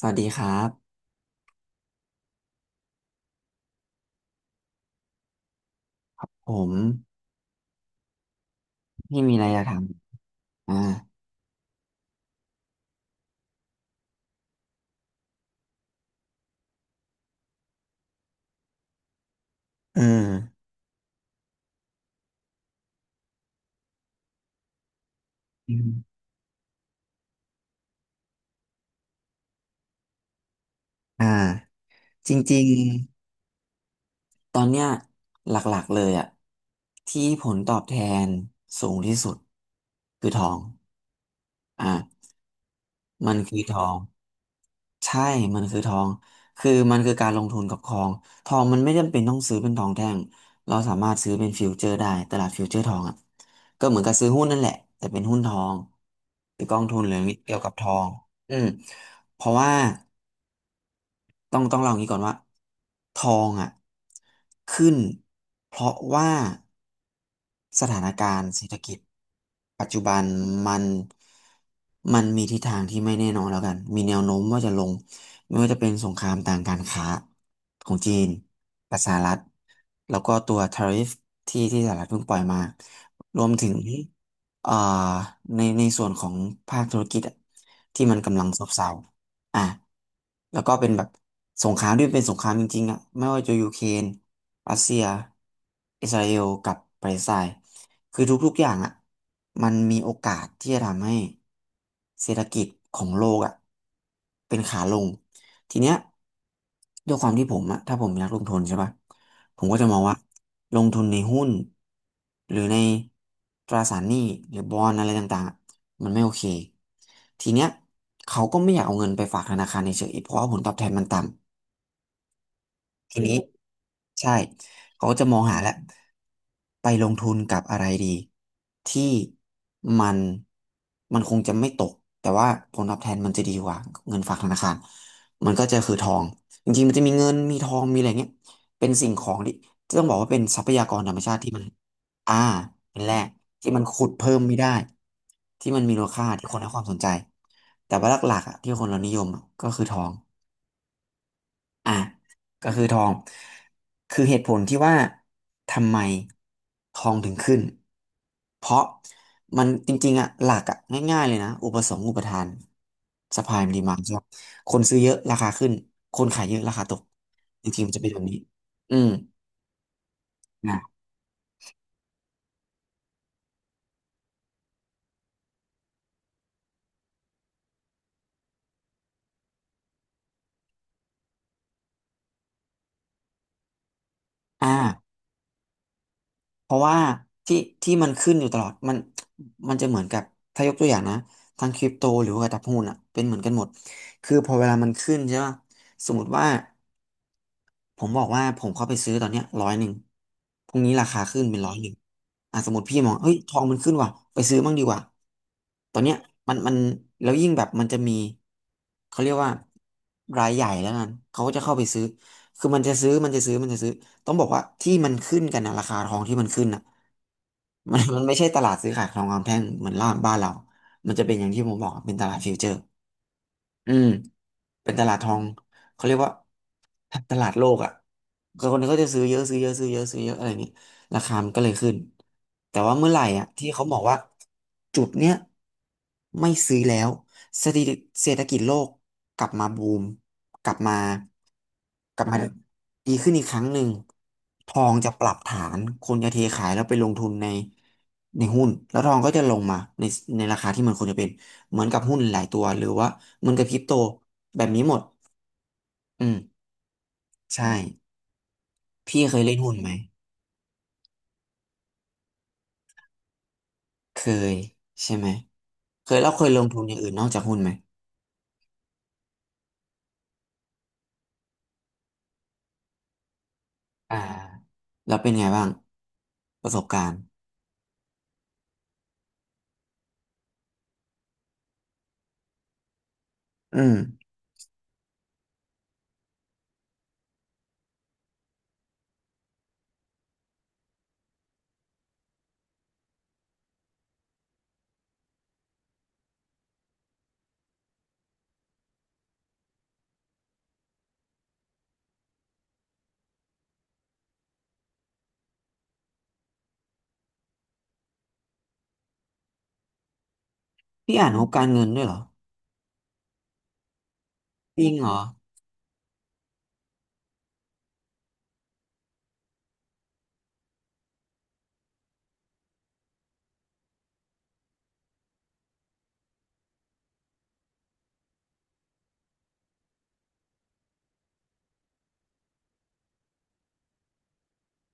สวัสดีครับผมมีอะไรอยากถามอ่าเอืมอืมอ่าจริงๆตอนเนี้ยหลักๆเลยอะที่ผลตอบแทนสูงที่สุดคือทองอ่ามันคือทอง ใช่มันคือทองมันคือการลงทุนกับทอง ทองมันไม่จำเป็นต้องซื้อเป็นทองแท่ง เราสามารถซื้อเป็นฟิวเจอร์ได้ตลาดฟิวเจอร์ทองอ่ะก็เหมือนกับซื้อหุ้นนั่นแหละแต่เป็นหุ้นทองหรือกองทุนหรือเกี่ยวกับทองอืมเพราะว่า ต้องเล่าอย่างนี้ก่อนว่าทองอ่ะขึ้นเพราะว่าสถานการณ์เศรษฐกิจปัจจุบันมันมันมีทิศทางที่ไม่แน่นอนแล้วกันมีแนวโน้มว่าจะลงไม่ว่าจะเป็นสงครามทางการค้าของจีนกับสหรัฐแล้วก็ตัวทาริฟที่สหรัฐเพิ่งปล่อยมารวมถึงเอ่อในส่วนของภาคธุรกิจอะที่มันกำลังซบเซา อ่ะแล้วก็เป็นแบบสงครามที่เป็นสงครามจริงๆอ่ะไม่ว่าจะยูเครนรัสเซียอิสราเอลกับปาเลสไตน์คือทุกๆอย่างอ่ะมันมีโอกาสที่จะทำให้เศรษฐกิจของโลกอ่ะเป็นขาลงทีเนี้ยด้วยความที่ผมอ่ะถ้าผมอยากลงทุนใช่ปะ ผมก็จะมองว่าลงทุนในหุ้นหรือในตราสารหนี้หรือบอนด์อะไรต่างๆอะมันไม่โอเคทีเนี้ยเขาก็ไม่อยากเอาเงินไปฝากธนาคารเฉยๆเพราะว่าผลตอบแทนมันต่ำ ทีนี้ใช่เขาก็จะมองหาแล้วไปลงทุนกับอะไรดีที่มันมันคงจะไม่ตกแต่ว่าผลตอบแทนมันจะดีกว่าเงินฝากธนาคารมันก็จะคือทองจริงๆมันจะมีเงินมีทองมีอะไรเงี้ยเป็นสิ่งของที่ต้องบอกว่าเป็นทรัพยากรธรรมชาติที่มันอ่าเป็นแร่ที่มันขุดเพิ่มไม่ได้ที่มันมีมูลค่าที่คนให้ความสนใจแต่ว่าหลักๆอ่ะที่คนเรานิยมอะก็คือทอง อ่ะก็คือทองคือเหตุผลที่ว่าทำไมทองถึงขึ้นเพราะมันจริงๆอ่ะหลักอ่ะง่ายๆเลยนะอุปสงค์อุปทาน supply and demand ใช่ไหมคนซื้อเยอะราคาขึ้นคนขายเยอะราคาตกจริงๆมันจะเป็นแบบนี้อืมนะอ่าเพราะว่าที่ที่มันขึ้นอยู่ตลอดมันจะเหมือนกับถ้ายกตัวอย่างนะทั้งคริปโตหรือว่าตลาดหุ้นอ่ะเป็นเหมือนกันหมดคือพอเวลามันขึ้นใช่ป่ะสมมติว่า ผมบอกว่าผมเข้าไปซื้อตอนเนี้ยร้อยหนึ่งพรุ่งนี้ราคาขึ้นเป็นร้อยหนึ่งอ่ะสมมติพี่มองเฮ้ยทองมันขึ้นว่ะไปซื้อมั่งดีกว่าตอนเนี้ยมันมันแล้วยิ่งแบบมันจะมีเขาเรียกว่ารายใหญ่แล้วกันเขาก็จะเข้าไปซื้อคือมันจะซื้อต้องบอกว่าที่มันขึ้นกันนะราคาทองที่มันขึ้นน่ะ มันไม่ใช่ตลาดซื้อขายทองคำแท่งเหมือนล่านบ้านเรามันจะเป็นอย่างที่ผมบอกอะเป็นตลาดฟิวเจอร์อืม เป็นตลาดทองเขาเรียกว่าตลาดโลกอ่ะก็คนก็จะซื้อเยอะซื้อเยอะซื้อเยอะซื้อเยอะอะไรอย่างนี้ราคามันก็เลยขึ้นแต่ว่าเมื่อไหร่อ่ะที่เขาบอกว่าจุดเนี้ยไม่ซื้อแล้วเศรษฐกิจเศรษฐกิจโลกกลับมาบูมกลับมากลับมาอืมดีขึ้นอีกครั้งหนึ่งทองจะปรับฐานคนจะเทขายแล้วไปลงทุนในหุ้นแล้วทองก็จะลงมาในราคาที่มันควรจะเป็น เหมือนกับหุ้นหลายตัวหรือว่าเหมือนกับคริปโตแบบนี้หมดอืมใช่อพี่เคยเล่นหุ้นไหมเคยใช่ไหมเคยแล้วเคยลงทุนอย่างอื่นนอกจากหุ้นไหมอ่าแล้วเป็นไงบ้างประสบการณ์อืมพี่อ่านงบการเงินด้วยเหรอจริงเหรอ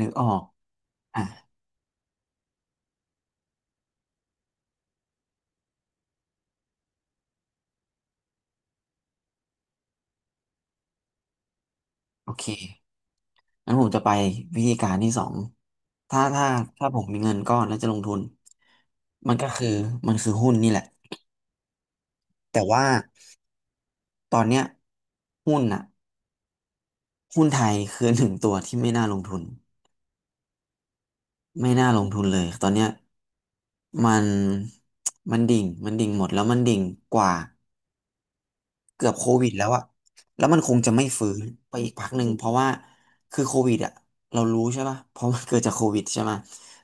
นึกออก อ่ะโอเคงั้นผมจะไปวิธีการที่สองถ้าถ้าถ้าผมมีเงินก้อนแล้วจะลงทุน มันก็คือมันคือหุ้นนี่แหละแต่ว่าตอนเนี้ยหุ้นอ่ะ หุ้นไทยคือ หนึ่งตัวที่ไม่น่าลงทุนไม่น่าลงทุนเลยตอนเนี้ยมันมันดิ่งหมดแล้วมันดิ่งกว่า เกือบโควิดแล้วอะแล้วมันคงจะไม่ฟื้นไปอีกพักหนึ่งเพราะว่าคือโควิดอะเรารู้ใช่ป่ะเพราะมันเกิดจากโควิดใช่ไหม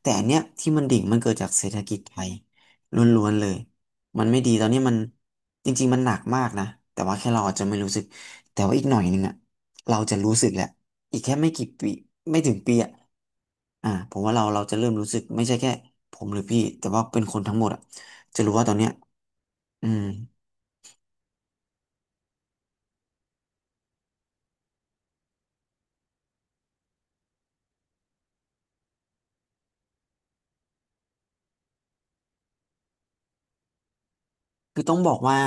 แต่อันเนี้ยที่มันดิ่งมันเกิดจากเศรษฐกิจไทยล้วนๆเลย มันไม่ดีตอนนี้จริงๆมันหนักมากนะแต่ว่าแค่เราอาจจะไม่รู้สึกแต่ว่าอีกหน่อยหนึงอะเราจะรู้สึกแหละอีกแค่ไม่กี่ปีไม่ถึงปีอะผมว่าเราจะเริ่มรู้สึกไม่ใช่แค่ผมหรือพี่แต่ว่าเป็นคนทั้งหมดอะจะรู้ว่าตอนเนี้ยอืมคือต้องบอกว่า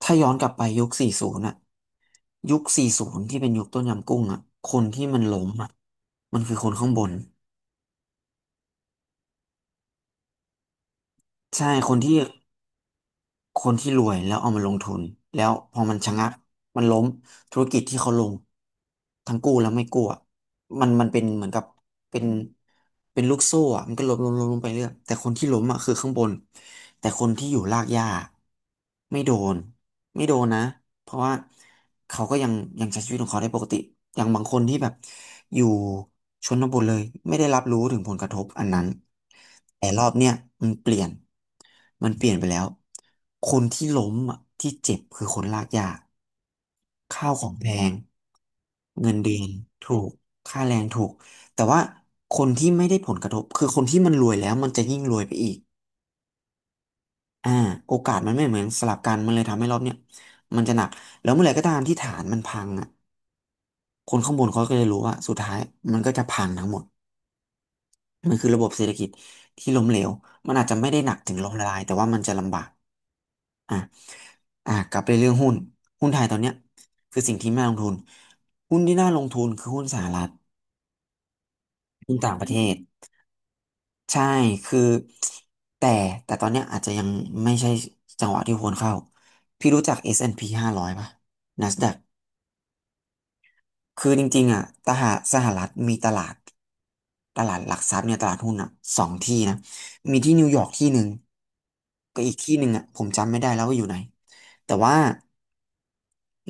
ถ้าย้อนกลับไปยุค40น่ะยุค40ที่เป็นยุคต้มยำกุ้งอ่ะคนที่มันล้มอ่ะมันคือคนข้างบนใช่คนที่รวยแล้วเอามาลงทุนแล้วพอมันชะงักมันล้มธุรกิจที่เขาลงทั้งกู้แล้วไม่กู้อะ มันเป็นเหมือนกับเป็นเป็นลูกโซ่อะมันก็ล้มล้มล้มลมไปเรื่อยแต่คนที่ล้มอ่ะคือข้างบนแต่คนที่อยู่รากหญ้าไม่โดนไม่โดนนะเพราะว่าเขาก็ยังใช้ชีวิตของเขาได้ปกติอย่างบางคนที่แบบอยู่ชนบทเลยไม่ได้รับรู้ถึงผลกระทบอันนั้นแต่รอบเนี้ยมันเปลี่ยนมันเปลี่ยนไปแล้วคนที่ล้มอ่ะที่เจ็บคือคนรากหญ้า ข้าวของแพงเงินเดือนถูกค่าแรงถูกแต่ว่าคนที่ไม่ได้ผลกระทบคือคนที่มันรวยแล้วมันจะยิ่งรวยไปอีกอ่าโอกาสมันไม่เหมือนสลับกันมันเลยทำให้รอบเนี่ยมันจะหนักแล้วเมื่อไหร่ก็ตามที่ฐานมันพังอ่ะคนข้างบนเขาก็จะรู้ว่าสุดท้ายมันก็จะพังทั้งหมดมันคือระบบเศรษฐกิจที่ล้มเหลวมันอาจจะไม่ได้หนักถึงล้มละลายแต่ว่ามันจะลำบากอ่ะอ่ะกลับไปเรื่องหุ้นหุ้นไทยตอนเนี้ยคือสิ่งที่ไม่น่าลงทุนหุ้นที่น่าลงทุนคือหุ้นสหรัฐ ที่ต่างประเทศใช่คือแต่แต่ตอนเนี้ยอาจจะยังไม่ใช่จังหวะที่ควรเข้าพี่รู้จัก S&P 500ป่ะ NASDAQ คือจริงๆอ่ะตหาสหรัฐมีตลาดหลักทรัพย์เนี่ยตลาดหุ้นอ่ะสองที่นะมีที่นิวยอร์กที่หนึ่งก็อีกที่หนึ่งอ่ะผมจำไม่ได้แล้วว่าอยู่ไหนแต่ว่า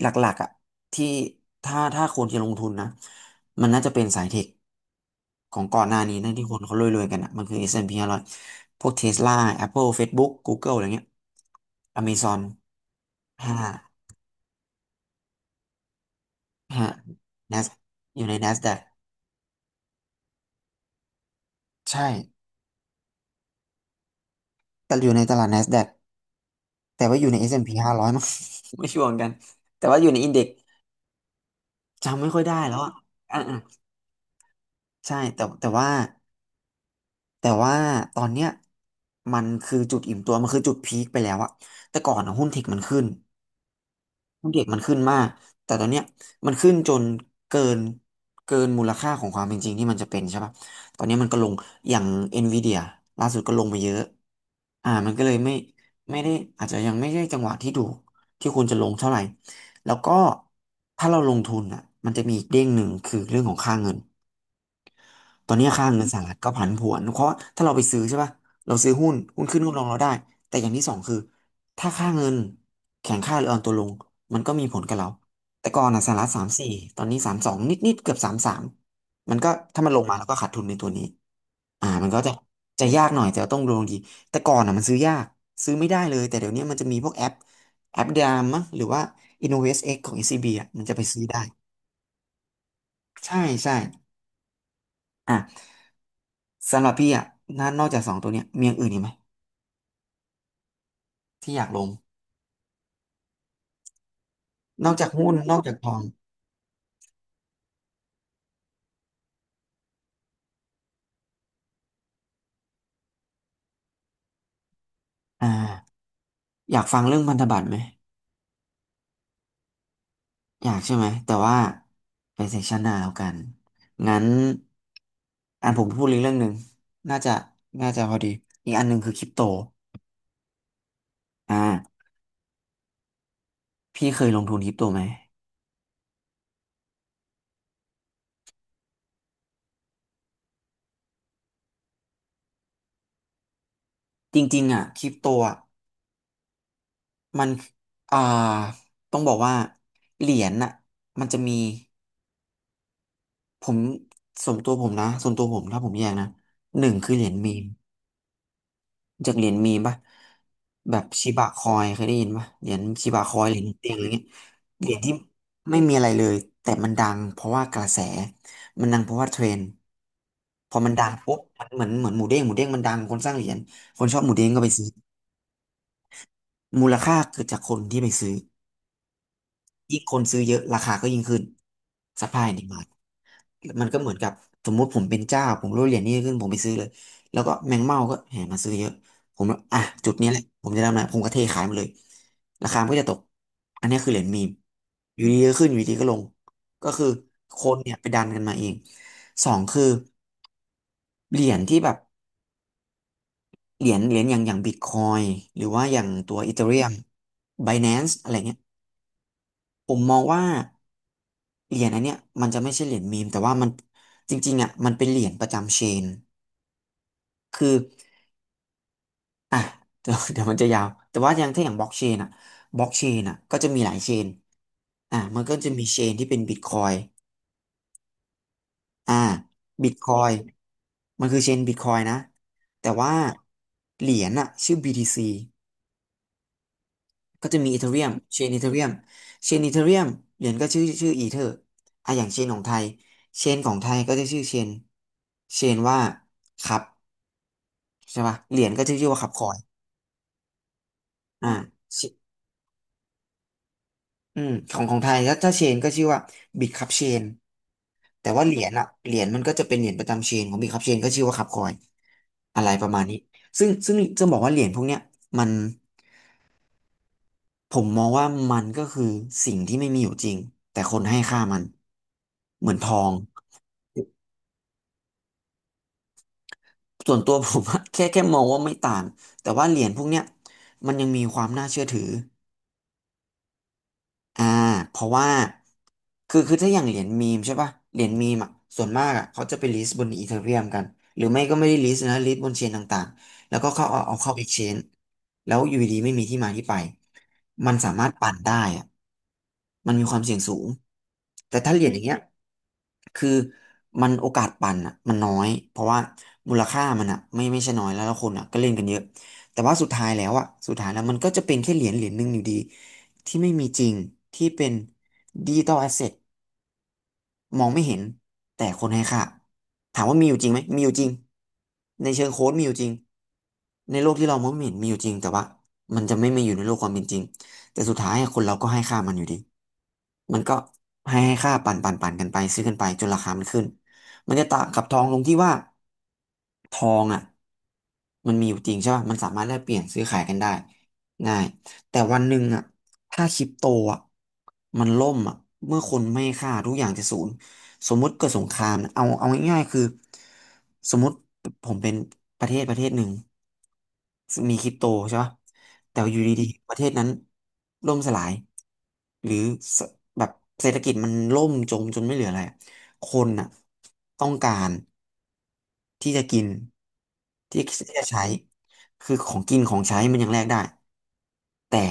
หลักๆอ่ะที่ถ้าคนจะลงทุนนะมันน่าจะเป็นสายเทคของก่อนหน้านี้น่นที่คนเขารวยๆกันอ่ะมันคือ S&P 500พห้าร้อยพวก Tesla Apple Facebook Google อะไรเงี้ย Amazon ห้าห้า Nas อยู่ใน NASDAQ ใช่แต่อยู่ในตลาด NASDAQ แต่ว่าอยู่ใน S&P 500มั้ง ไม่ชัวร์เหมือนกันแต่ว่าอยู่ในอินเด็กซ์จำไม่ค่อยได้แล้วอ่ะอ่ะอ่ะใช่แต่ว่าตอนเนี้ยมันคือจุดอิ่มตัวมันคือจุดพีคไปแล้วอะแต่ก่อนอะหุ้นเทคมันขึ้นมากแต่ตอนเนี้ยมันขึ้นจนเกินเกินมูลค่าของความเป็นจริงที่มันจะเป็นใช่ปะตอนนี้มันก็ลงอย่างเอ็นวีเดียล่าสุดก็ลงมาเยอะมันก็เลยไม่ได้อาจจะยังไม่ใช่จังหวะที่ถูกที่ควรจะลงเท่าไหร่แล้วก็ถ้าเราลงทุนอ่ะมันจะมีอีกเด้งหนึ่งคือเรื่องของค่าเงิน ตอนนี้ค่าเงินสหรัฐก็ผันผวนเพราะถ้าเราไปซื้อใช่ป่ะเราซื้อหุ้นหุ้นขึ้นหุ้นลงเราได้แต่อย่างที่สองคือถ้าค่าเงินแข็งค่าหรืออ่อนตัวลงมันก็มีผลกับเราแต่ก่อนอ่ะสหรัฐสามสี่ตอนนี้สามสองนิดๆเกือบสามสามมันก็ถ้ามันลงมาแล้วก็ขาดทุนในตัวนี้มันก็จะยากหน่อยแต่ต้องลงดีแต่ก่อนอ่ะมันซื้อยากซื้อไม่ได้เลยแต่เดี๋ยวนี้มันจะมีพวกแอปแอปดามมั้งหรือว่า InnovestX ของ SCB อสซีบีอ่ะมันจะไปซื้อได้ใช่ใช่อ่ะ สำหรับพี่อ่ะนนอกจากสองตัวเนี้ยมีอย่างอื่นอีกไหมที่อยากลง นอกจากหุ้นนอกจากทอง อ่าอยากฟังเรื่องพันธบัตรไหมอยากใช่ไหม แต่ว่าไปเซสชันหน้าแล้วกัน งั้นอันผมพูดอีกเรื่องหนึ่งน่าจะ น่าจะพอดี อีกอันหนึ่งคือคริปโต อ่า พี่เคยลงทุนคริปโตไหม จริงๆอ่ะคริปโตอ่ะมัน อ่าต้องบอกว่าเหรียญน่ะมันจะมีผมส่วนตัวผมนะส่วนตัวผมถ้าผมแยกนะหนึ่งคือเหรียญมีม จากเหรียญมีมปะแบบชิบะคอยเคยได้ยินปะเหรียญชิบะคอยเหรียญเตยงอะไรเงี้ยเหรียญที่ไม่มีอะไรเลยแต่มันดังเพราะว่ากระแสมันดังเพราะว่าเทรนด์พอมันดังปุ๊บมันเหมือนหมูเด้งหมูเด้งมันดังคนสร้างเหรียญคนชอบหมูเด้งก็ไปซื้อมูลค่าเกิดจากคนที่ไปซื้อยิ่งคนซื้อเยอะราคาก็ยิ่งขึ้น supply and demand มันก็เหมือนกับสมมุติผมเป็นเจ้าผมรู้เหรียญนี้ขึ้นผมไปซื้อเลยแล้วก็แมงเม่าก็แห่มาซื้อเยอะผมอ่ะจุดนี้แหละผมจะทำอะไรผมก็เทขายมาเลยราคามันก็จะตกอันนี้คือเหรียญมีมอยู่ดีก็ขึ้นอยู่ดีก็ลงก็คือคนเนี่ยไปดันกันมาเองสองคือเหรียญที่แบบเหรียญอย่างบิตคอยหรือว่าอย่างตัวอีเธอเรียมไบแนนซ์อะไรเงี้ยผมมองว่าเหรียญอันเนี้ยมันจะไม่ใช่เหรียญมีมแต่ว่ามันจริงๆอ่ะมันเป็นเหรียญประจำเชนคือ อ่ะ เดี๋ยวมันจะยาวแต่ว่าอย่างถ้าอย่างบล็อกเชนอ่ะบล็อกเชนอ่ะก็จะมีหลายเชนอ่ะมันก็จะมีเชนที่เป็นบิตคอยอ่าบิตคอยมันคือเชนบิตคอยนะแต่ว่าเหรียญอ่ะชื่อบีทีซีก็จะมีอีเธอเรียมเชนอีเธอเรียมเชนอีเธอเรียมเหรียญก็ชื่ออีเธออ่ะอย่างเชนของไทยเชนของไทยก็จะชื่อเชนเชนว่าคับใช่ป่ะเหรียญก็จะชื่อว่าคับคอยอ่า อืมของของไทยก็ถ้าเชนก็ชื่อว่าบิตคัพเชนแต่ว่าเหรียญอะเหรียญมันก็จะเป็นเหรียญประจำเชนของบิตคัพเชนก็ชื่อว่าคัพคอยอะไรประมาณนี้ซึ่งจะบอกว่าเหรียญพวกเนี้ยมันผมมองว่ามันก็คือสิ่งที่ไม่มีอยู่จริงแต่คนให้ค่ามันเหมือนทองส่วนตัวผมอะแค่มองว่าไม่ต่างแต่ว่าเหรียญพวกเนี้ยมันยังมีความน่าเชื่อถือ อ่าเพราะว่าคือถ้าอย่างเหรียญมีมใช่ป่ะเหรียญมีมอ่ะส่วนมากอ่ะเขาจะไปลิสต์บนอีเธอเรียมกันหรือไม่ก็ไม่ได้ลิสต์นะลิสต์บนเชนต่างๆแล้วก็เข้าเอาเข้าเอ็กชแนนแล้วอยู่ดีๆไม่มีที่มาที่ไปมันสามารถปั่นได้อ่ะมันมีความเสี่ยงสูงแต่ถ้าเหรียญอย่างเงี้ยคือมันโอกาสปั่นอ่ะมันน้อยเพราะว่ามูลค่ามันอ่ะไม่ใช่น้อยแล้วคนอ่ะก็เล่นกันเยอะแต่ว่าสุดท้ายแล้วอ่ะสุดท้ายแล้วมันก็จะเป็นแค่เหรียญหนึ่งอยู่ดี ที่ไม่มีจริงที่เป็นดิจิตอลแอสเซท มองไม่เห็นแต่คนให้ค่าถามว่ามีอยู่จริงไหมมีอยู่จริงในเชิงโค้ดมีอยู่จริงในโลกที่เรามองไม่เห็นมีอยู่จริงแต่ว่ามันจะไม่มีอยู่ในโลกความเป็นจริงแต่สุดท้ายคนเราก็ให้ค่ามันอยู่ดีมันก็ให้ค่าปั่นกันไปซื้อกันไปจนราคามันขึ้นมันจะต่างกับทองตรงที่ว่าทองอ่ะมันมีอยู่จริงใช่ป่ะมันสามารถแลกเปลี่ยนซื้อขายกันได้ง่ายแต่วันหนึ่งอ่ะถ้าคริปโตอ่ะมันล่มอ่ะเมื่อคนไม่ให้ค่าทุกอย่างจะศูนย์ สมมุติเกิดสงครามนะเอาง่ายๆคือสมมุติผมเป็นประเทศหนึ่งมีคริปโตใช่ปะแต่อยู่ดีๆประเทศนั้นล่มสลายหรือสแบบเศรษฐกิจมันล่มจมจนไม่เหลืออะไรอะคนน่ะต้องการที่จะกินที่ที่จะใช้คือของกินของใช้มันยังแลกได้แต่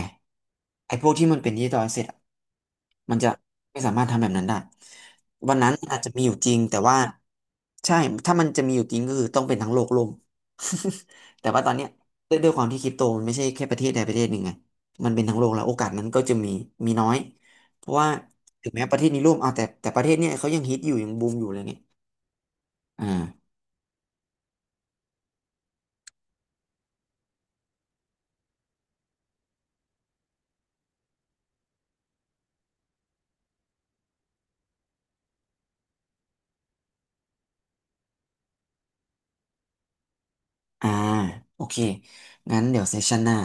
ไอ้พวกที่มันเป็นดิจิตอลเส็จ มันจะไม่สามารถทำแบบนั้นได้วันนั้นอาจจะมีอยู่จริงแต่ว่าใช่ถ้ามันจะมีอยู่จริงก็คือต้องเป็นทั้งโลกล่ม แต่ว่าตอนเนี้ยด้วยความที่คริปโตมันไม่ใช่แค่ประเทศใดประเทศหนึ่งไงมันเป็นทั้งโลกแล้วโอกาสนั้นก็จะมีมีน้อยเพราะว่าถึงแม้ประเทศนี้ร่วมเอ่าวแต่ประเทศเนี้ยเขายังฮิตอยู่ยังบูมอยู่เลยเนี่ยอ่าอ่าโอเคงั้นเดี๋ยวเซสชันหน้า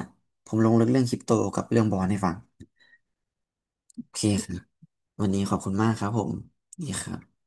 ผมลงลึกเรื่องคริปโตกับเรื่องบอลให้ฟังโอเคครับวันนี้ขอบคุณมากครับผมดีครับ